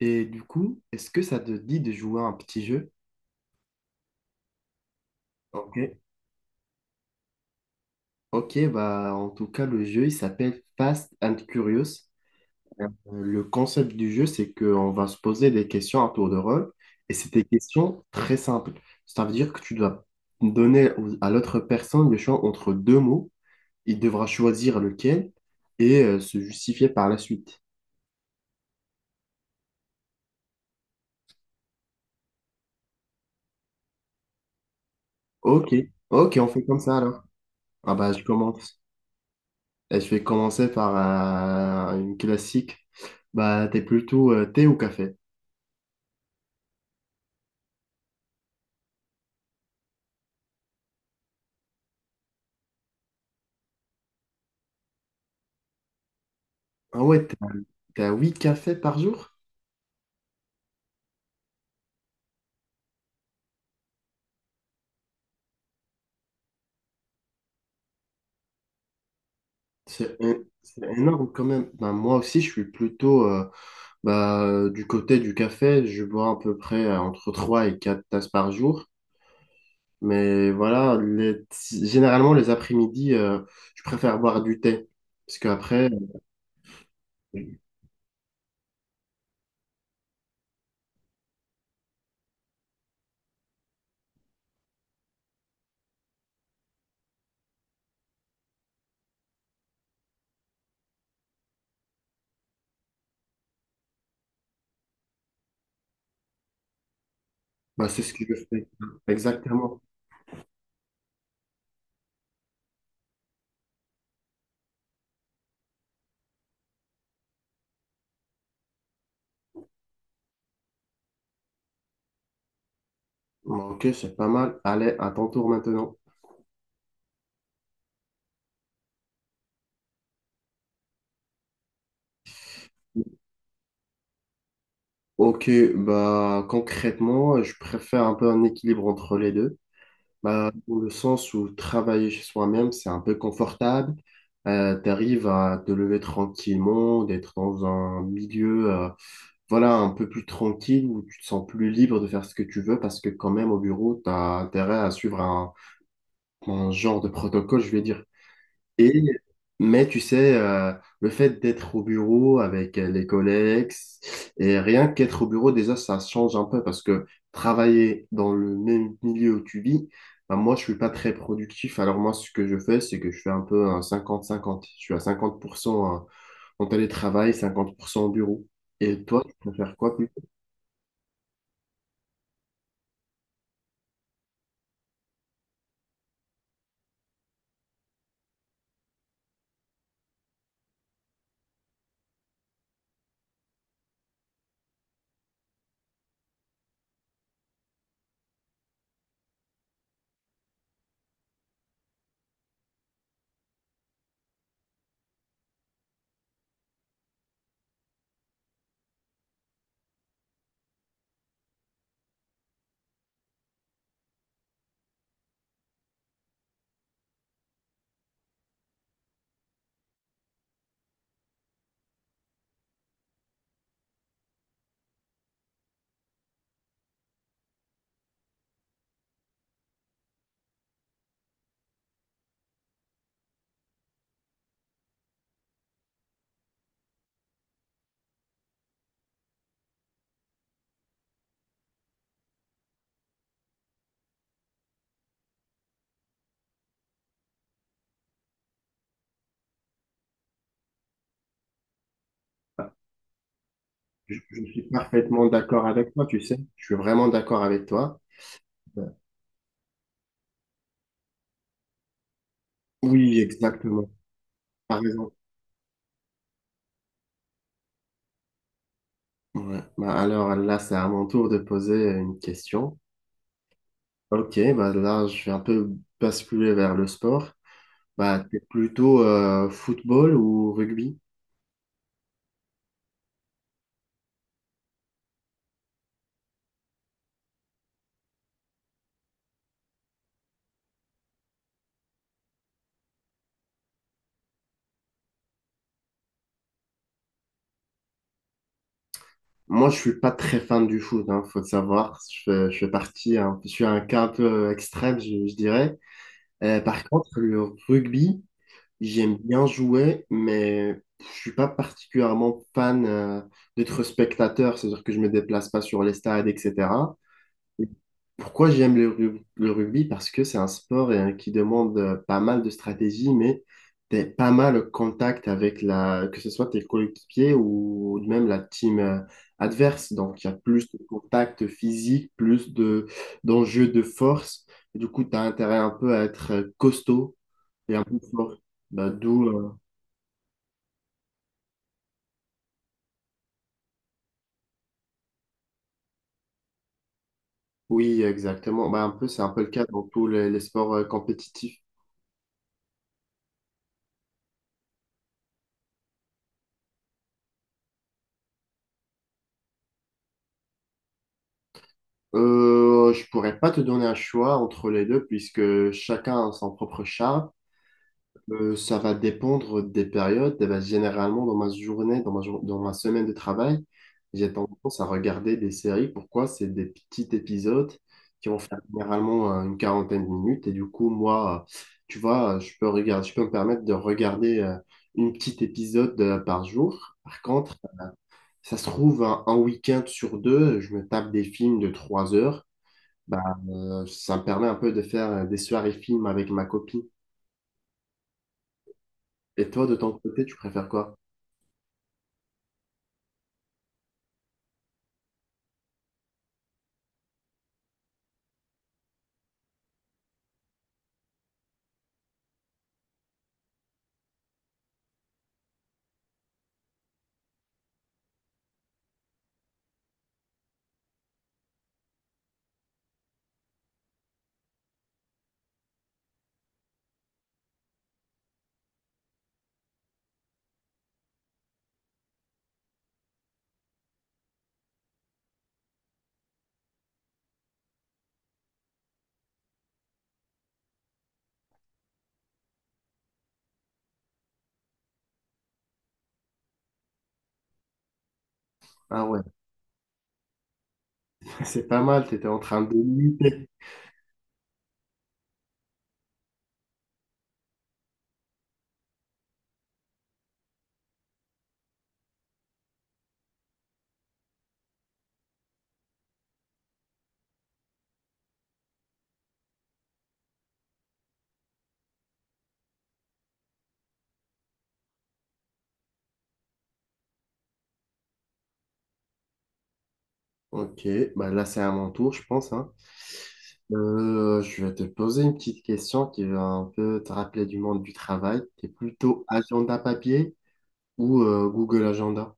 Et du coup, est-ce que ça te dit de jouer à un petit jeu? Ok. Ok, bah en tout cas, le jeu, il s'appelle Fast and Curious. Le concept du jeu, c'est qu'on va se poser des questions à tour de rôle, et c'est des questions très simples. Ça veut dire que tu dois donner à l'autre personne le choix entre deux mots, il devra choisir lequel et se justifier par la suite. Ok, ok, on fait comme ça alors. Ah bah je commence. Et je vais commencer par une classique. Bah, t'es plutôt thé ou café? Ah ouais, t'es à 8 cafés par jour? C'est énorme quand même. Bah, moi aussi, je suis plutôt bah, du côté du café. Je bois à peu près entre 3 et 4 tasses par jour. Mais voilà, généralement, les après-midi, je préfère boire du thé. Parce qu'après, euh, bah, c'est ce que je fais. Exactement. Bon, ok, c'est pas mal. Allez, à ton tour maintenant. Ok, bah concrètement, je préfère un peu un équilibre entre les deux. Bah, dans le sens où travailler chez soi-même, c'est un peu confortable. Tu arrives à te lever tranquillement, d'être dans un milieu voilà, un peu plus tranquille, où tu te sens plus libre de faire ce que tu veux, parce que quand même au bureau, tu as intérêt à suivre un genre de protocole, je vais dire. Et, mais tu sais, le fait d'être au bureau avec les collègues, et rien qu'être au bureau, déjà, ça change un peu parce que travailler dans le même milieu où tu vis, ben, moi, je suis pas très productif. Alors moi, ce que je fais, c'est que je fais un peu un 50/50. Je suis à 50% en télétravail, 50% au bureau. Et toi, tu préfères quoi plus tard. Je suis parfaitement d'accord avec toi, tu sais. Je suis vraiment d'accord avec toi. Oui, exactement. Par exemple. Ouais. Bah, alors là, c'est à mon tour de poser une question. Ok, bah là, je vais un peu basculer vers le sport. Bah, t'es plutôt football ou rugby? Moi, je suis pas très fan du foot, hein, faut le savoir. Je fais partie, hein, je suis un cas un peu extrême, je dirais. Par contre, le rugby, j'aime bien jouer, mais je suis pas particulièrement fan d'être spectateur, c'est-à-dire que je me déplace pas sur les stades, etc. Et pourquoi j'aime le rugby? Parce que c'est un sport qui demande pas mal de stratégie, mais t'es pas mal au contact avec que ce soit tes coéquipiers ou même la team adverse. Donc, il y a plus de contact physique, plus d'enjeux de force. Et du coup, tu as intérêt un peu à être costaud et un peu fort. Bah, d'où, oui, exactement. Bah, un peu, c'est un peu le cas dans tous les sports compétitifs. Je pourrais pas te donner un choix entre les deux puisque chacun a son propre charme. Ça va dépendre des périodes. Eh ben, généralement, dans ma journée, dans ma semaine de travail, j'ai tendance à regarder des séries. Pourquoi? C'est des petits épisodes qui vont faire généralement une quarantaine de minutes. Et du coup, moi, tu vois, je peux me permettre de regarder une petite épisode par jour. Par contre, ça se trouve, un week-end sur deux, je me tape des films de 3 heures. Bah, ça me permet un peu de faire des soirées films avec ma copine. Et toi, de ton côté, tu préfères quoi? Ah ouais, c'est pas mal, t'étais en train de lutter. Ok, bah là, c'est à mon tour, je pense, hein. Je vais te poser une petite question qui va un peu te rappeler du monde du travail. T'es plutôt agenda papier ou Google Agenda?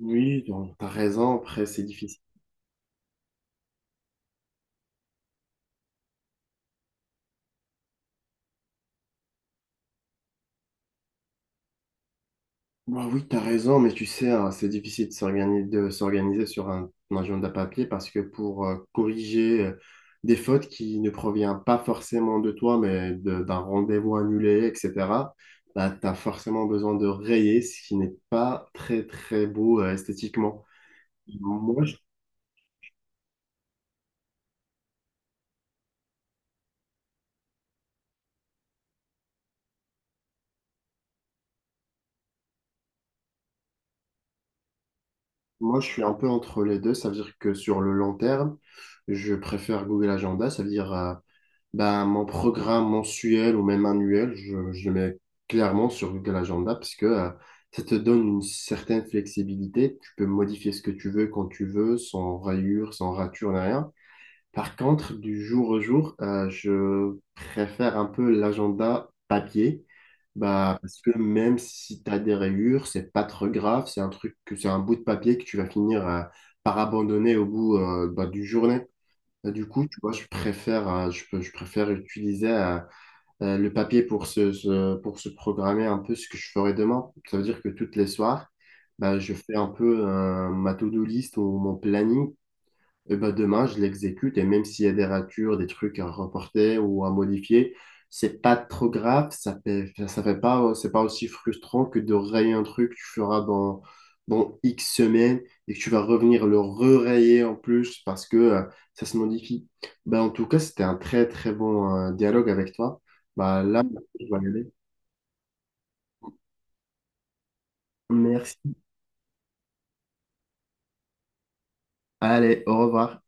Oui, donc, t'as raison. Après, c'est difficile. Bah oui, tu as raison, mais tu sais, hein, c'est difficile de s'organiser sur un agenda papier parce que pour corriger des fautes qui ne proviennent pas forcément de toi, mais d'un rendez-vous annulé, etc., bah, tu as forcément besoin de rayer ce qui n'est pas très, très beau esthétiquement. Moi je, Moi, je suis un peu entre les deux, ça veut dire que sur le long terme, je préfère Google Agenda, ça veut dire ben, mon programme mensuel ou même annuel, je le mets clairement sur Google Agenda parce que ça te donne une certaine flexibilité. Tu peux modifier ce que tu veux quand tu veux, sans rayures, sans ratures, ni rien. Par contre, du jour au jour, je préfère un peu l'agenda papier. Bah, parce que même si tu as des rayures, c'est pas trop grave. C'est un truc que c'est un bout de papier que tu vas finir par abandonner au bout bah, d'une journée. Et du coup, tu vois, je préfère utiliser le papier pour se programmer un peu ce que je ferai demain. Ça veut dire que toutes les soirs, bah, je fais un peu ma to-do list ou mon planning et ben demain, je l'exécute. Et même s'il y a des ratures, des trucs à reporter ou à modifier, c'est pas trop grave. Ça fait pas, C'est pas aussi frustrant que de rayer un truc que tu feras dans, X semaines et que tu vas revenir le re-rayer en plus parce que ça se modifie. Ben, en tout cas, c'était un très, très bon dialogue avec toi. Ben, là, je dois y aller. Merci. Allez, au revoir.